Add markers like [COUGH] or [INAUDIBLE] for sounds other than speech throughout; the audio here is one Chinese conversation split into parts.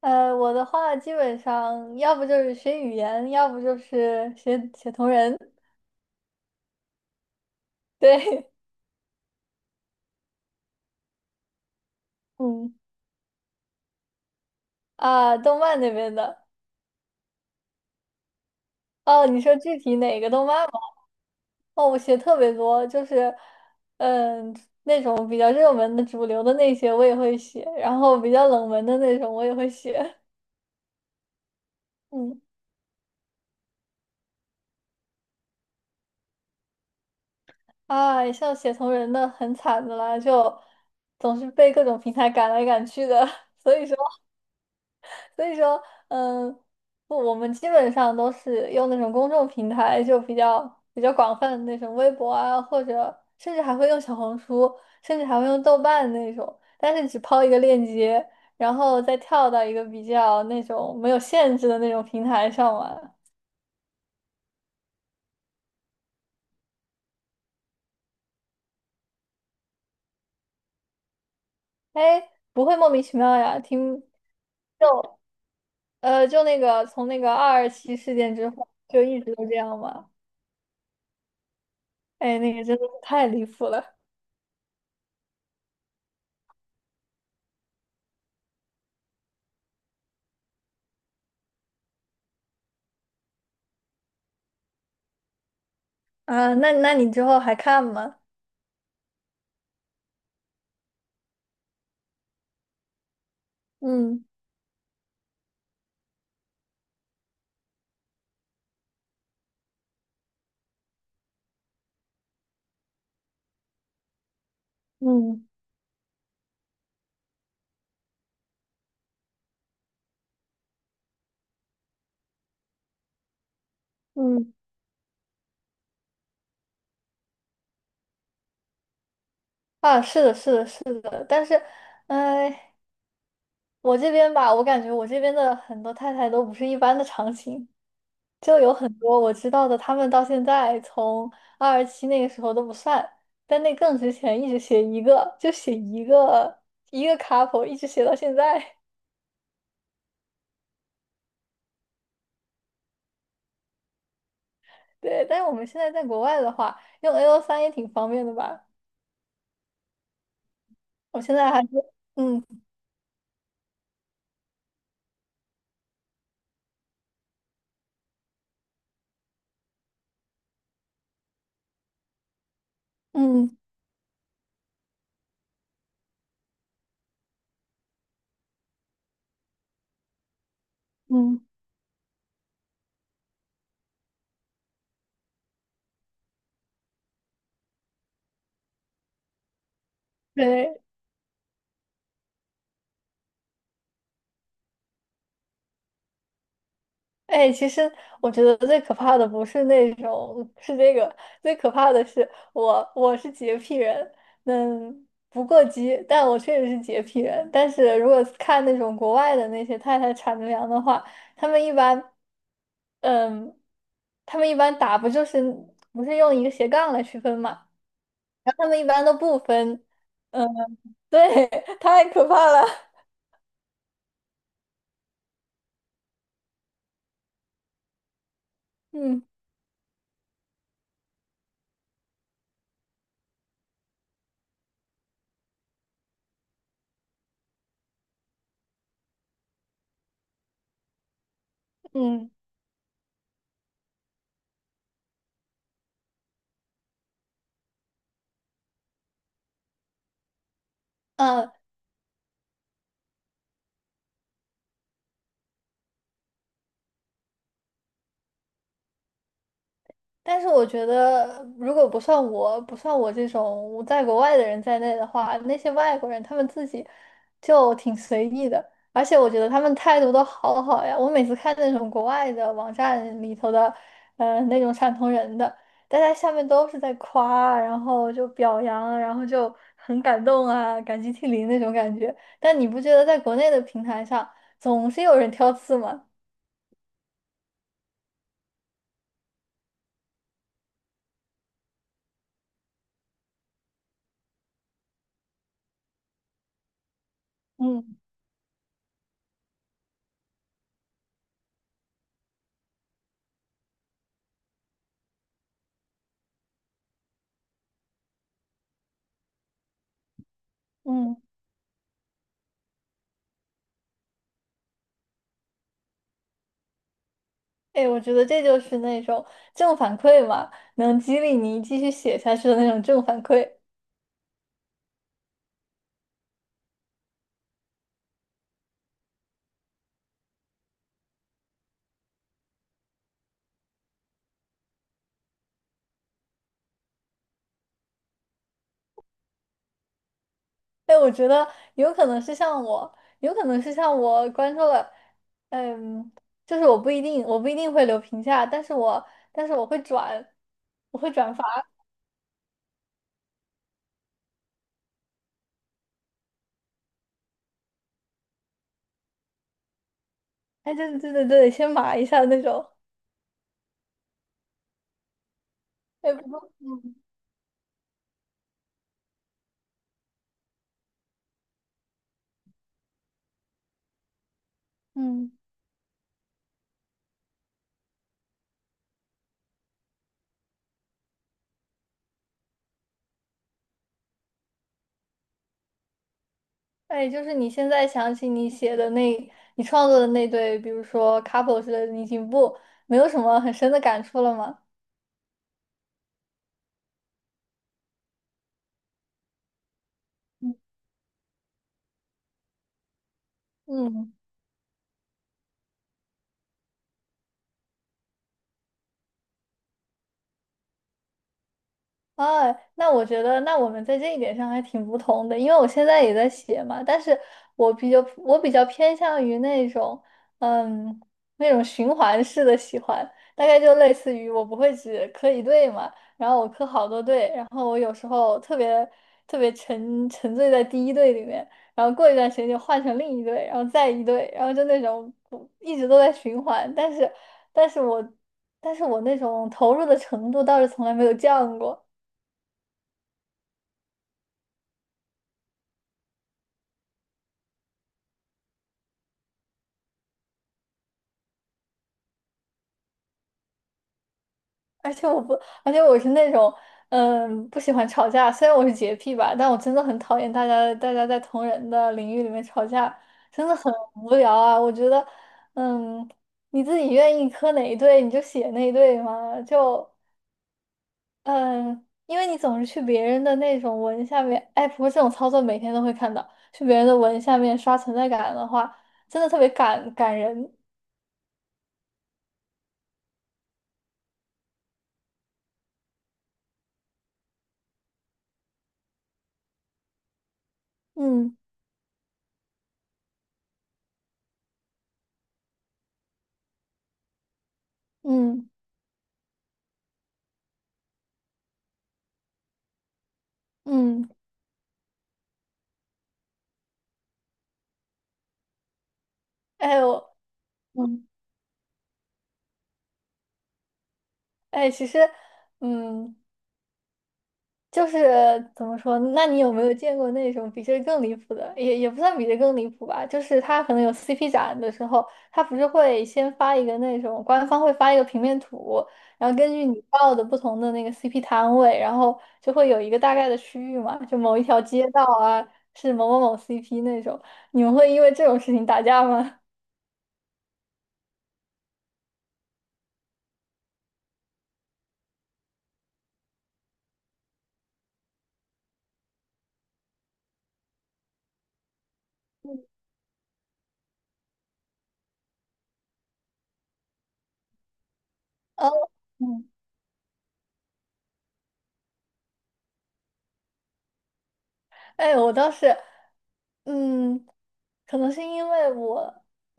我的话基本上要不就是学语言，要不就是写写同人。对，[LAUGHS] 嗯啊，动漫那边的。哦，你说具体哪个动漫吗？哦，我写特别多，就是嗯那种比较热门的、主流的那些我也会写，然后比较冷门的那种我也会写。嗯啊，像写同人的很惨的啦，就总是被各种平台赶来赶去的，[LAUGHS] 所以说。所以说，嗯，不，我们基本上都是用那种公众平台，就比较广泛的那种微博啊，或者甚至还会用小红书，甚至还会用豆瓣那种，但是只抛一个链接，然后再跳到一个比较那种没有限制的那种平台上玩。哎，不会莫名其妙呀，听就就那个从那个二二七事件之后，就一直都这样嘛。哎，那个真的是太离谱了。啊！那你之后还看吗？嗯。嗯嗯啊，是的，是的，是的，但是，哎，我这边吧，我感觉我这边的很多太太都不是一般的长情，就有很多我知道的，他们到现在从二十七那个时候都不算，但那更之前一直写一个，就写一个一个 couple，一直写到现在。[LAUGHS] 对，但是我们现在在国外的话，用 A O 三也挺方便的吧？我现在还是嗯嗯嗯，对。哎，其实我觉得最可怕的不是那种，是这个，最可怕的是我，我是洁癖人，嗯，不过激，但我确实是洁癖人。但是如果看那种国外的那些太太产着粮的话，他们一般，嗯，他们一般打不就是不是用一个斜杠来区分嘛，然后他们一般都不分，嗯，对，[LAUGHS] 太可怕了，嗯嗯。嗯，但是我觉得，如果不算我，不算我这种在国外的人在内的话，那些外国人他们自己就挺随意的，而且我觉得他们态度都好好呀。我每次看那种国外的网站里头的，那种汕头人的，大家下面都是在夸啊，然后就表扬，然后就很感动啊，感激涕零那种感觉。但你不觉得在国内的平台上总是有人挑刺吗？嗯嗯。哎，我觉得这就是那种正反馈嘛，能激励你继续写下去的那种正反馈。哎，我觉得有可能是像我，有可能是像我关注了，嗯，就是我不一定，我不一定会留评价，但是我但是我会转，我会转发。哎，对对对对对，先码一下那种。哎，不过，嗯嗯，哎，就是你现在想起你写的那，你创作的那对，比如说 couple 之类的，你已经不没有什么很深的感触了吗？嗯。啊，那我觉得，那我们在这一点上还挺不同的，因为我现在也在写嘛，但是我比较偏向于那种，嗯，那种循环式的喜欢，大概就类似于我不会只磕一对嘛，然后我磕好多对，然后我有时候特别沉醉在第一对里面，然后过一段时间就换成另一对，然后再一对，然后就那种不一直都在循环，但是但是我但是我那种投入的程度倒是从来没有降过。而且我不，而且我是那种，嗯，不喜欢吵架。虽然我是洁癖吧，但我真的很讨厌大家在同人的领域里面吵架，真的很无聊啊。我觉得，嗯，你自己愿意磕哪一对你就写那一对嘛，就嗯，因为你总是去别人的那种文下面，哎，不过这种操作每天都会看到，去别人的文下面刷存在感的话，真的特别感人。嗯嗯嗯，哎我嗯哎，其实嗯。就是怎么说呢，那你有没有见过那种比这更离谱的？也不算比这更离谱吧，就是他可能有 CP 展的时候，他不是会先发一个那种官方会发一个平面图，然后根据你报的不同的那个 CP 摊位，然后就会有一个大概的区域嘛，就某一条街道啊是某某某 CP 那种。你们会因为这种事情打架吗？哦，嗯哎，我倒是，嗯，可能是因为我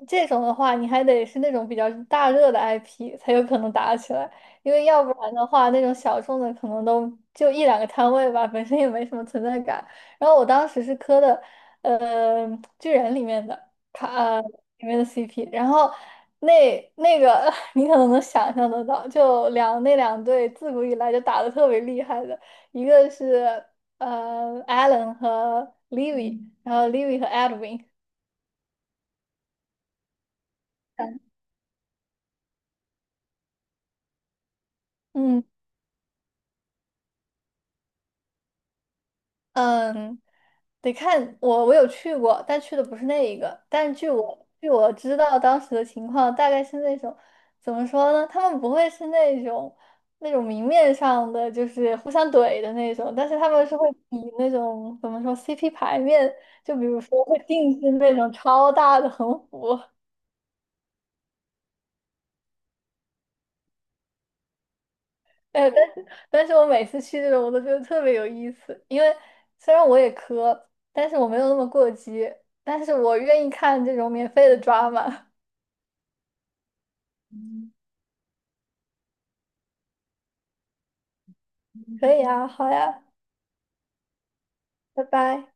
这种的话，你还得是那种比较大热的 IP 才有可能打起来，因为要不然的话，那种小众的可能都就一两个摊位吧，本身也没什么存在感。然后我当时是磕的，呃，巨人里面的卡，里面的 CP，然后那那个 [LAUGHS] 你可能能想象得到，就两那两队自古以来就打得特别厉害的。一个是Alan 和 Livy，然后 Livy 和 Edwin，嗯嗯，得看我有去过，但去的不是那一个。但据我知道当时的情况，大概是那种怎么说呢？他们不会是那种明面上的就是互相怼的那种，但是他们是会比那种怎么说 CP 排面，就比如说会定制那种超大的横幅。[LAUGHS] 哎，但是我每次去这种，我都觉得特别有意思，因为虽然我也磕，但是我没有那么过激，但是我愿意看这种免费的抓马。[LAUGHS] 可以啊，好呀，拜拜。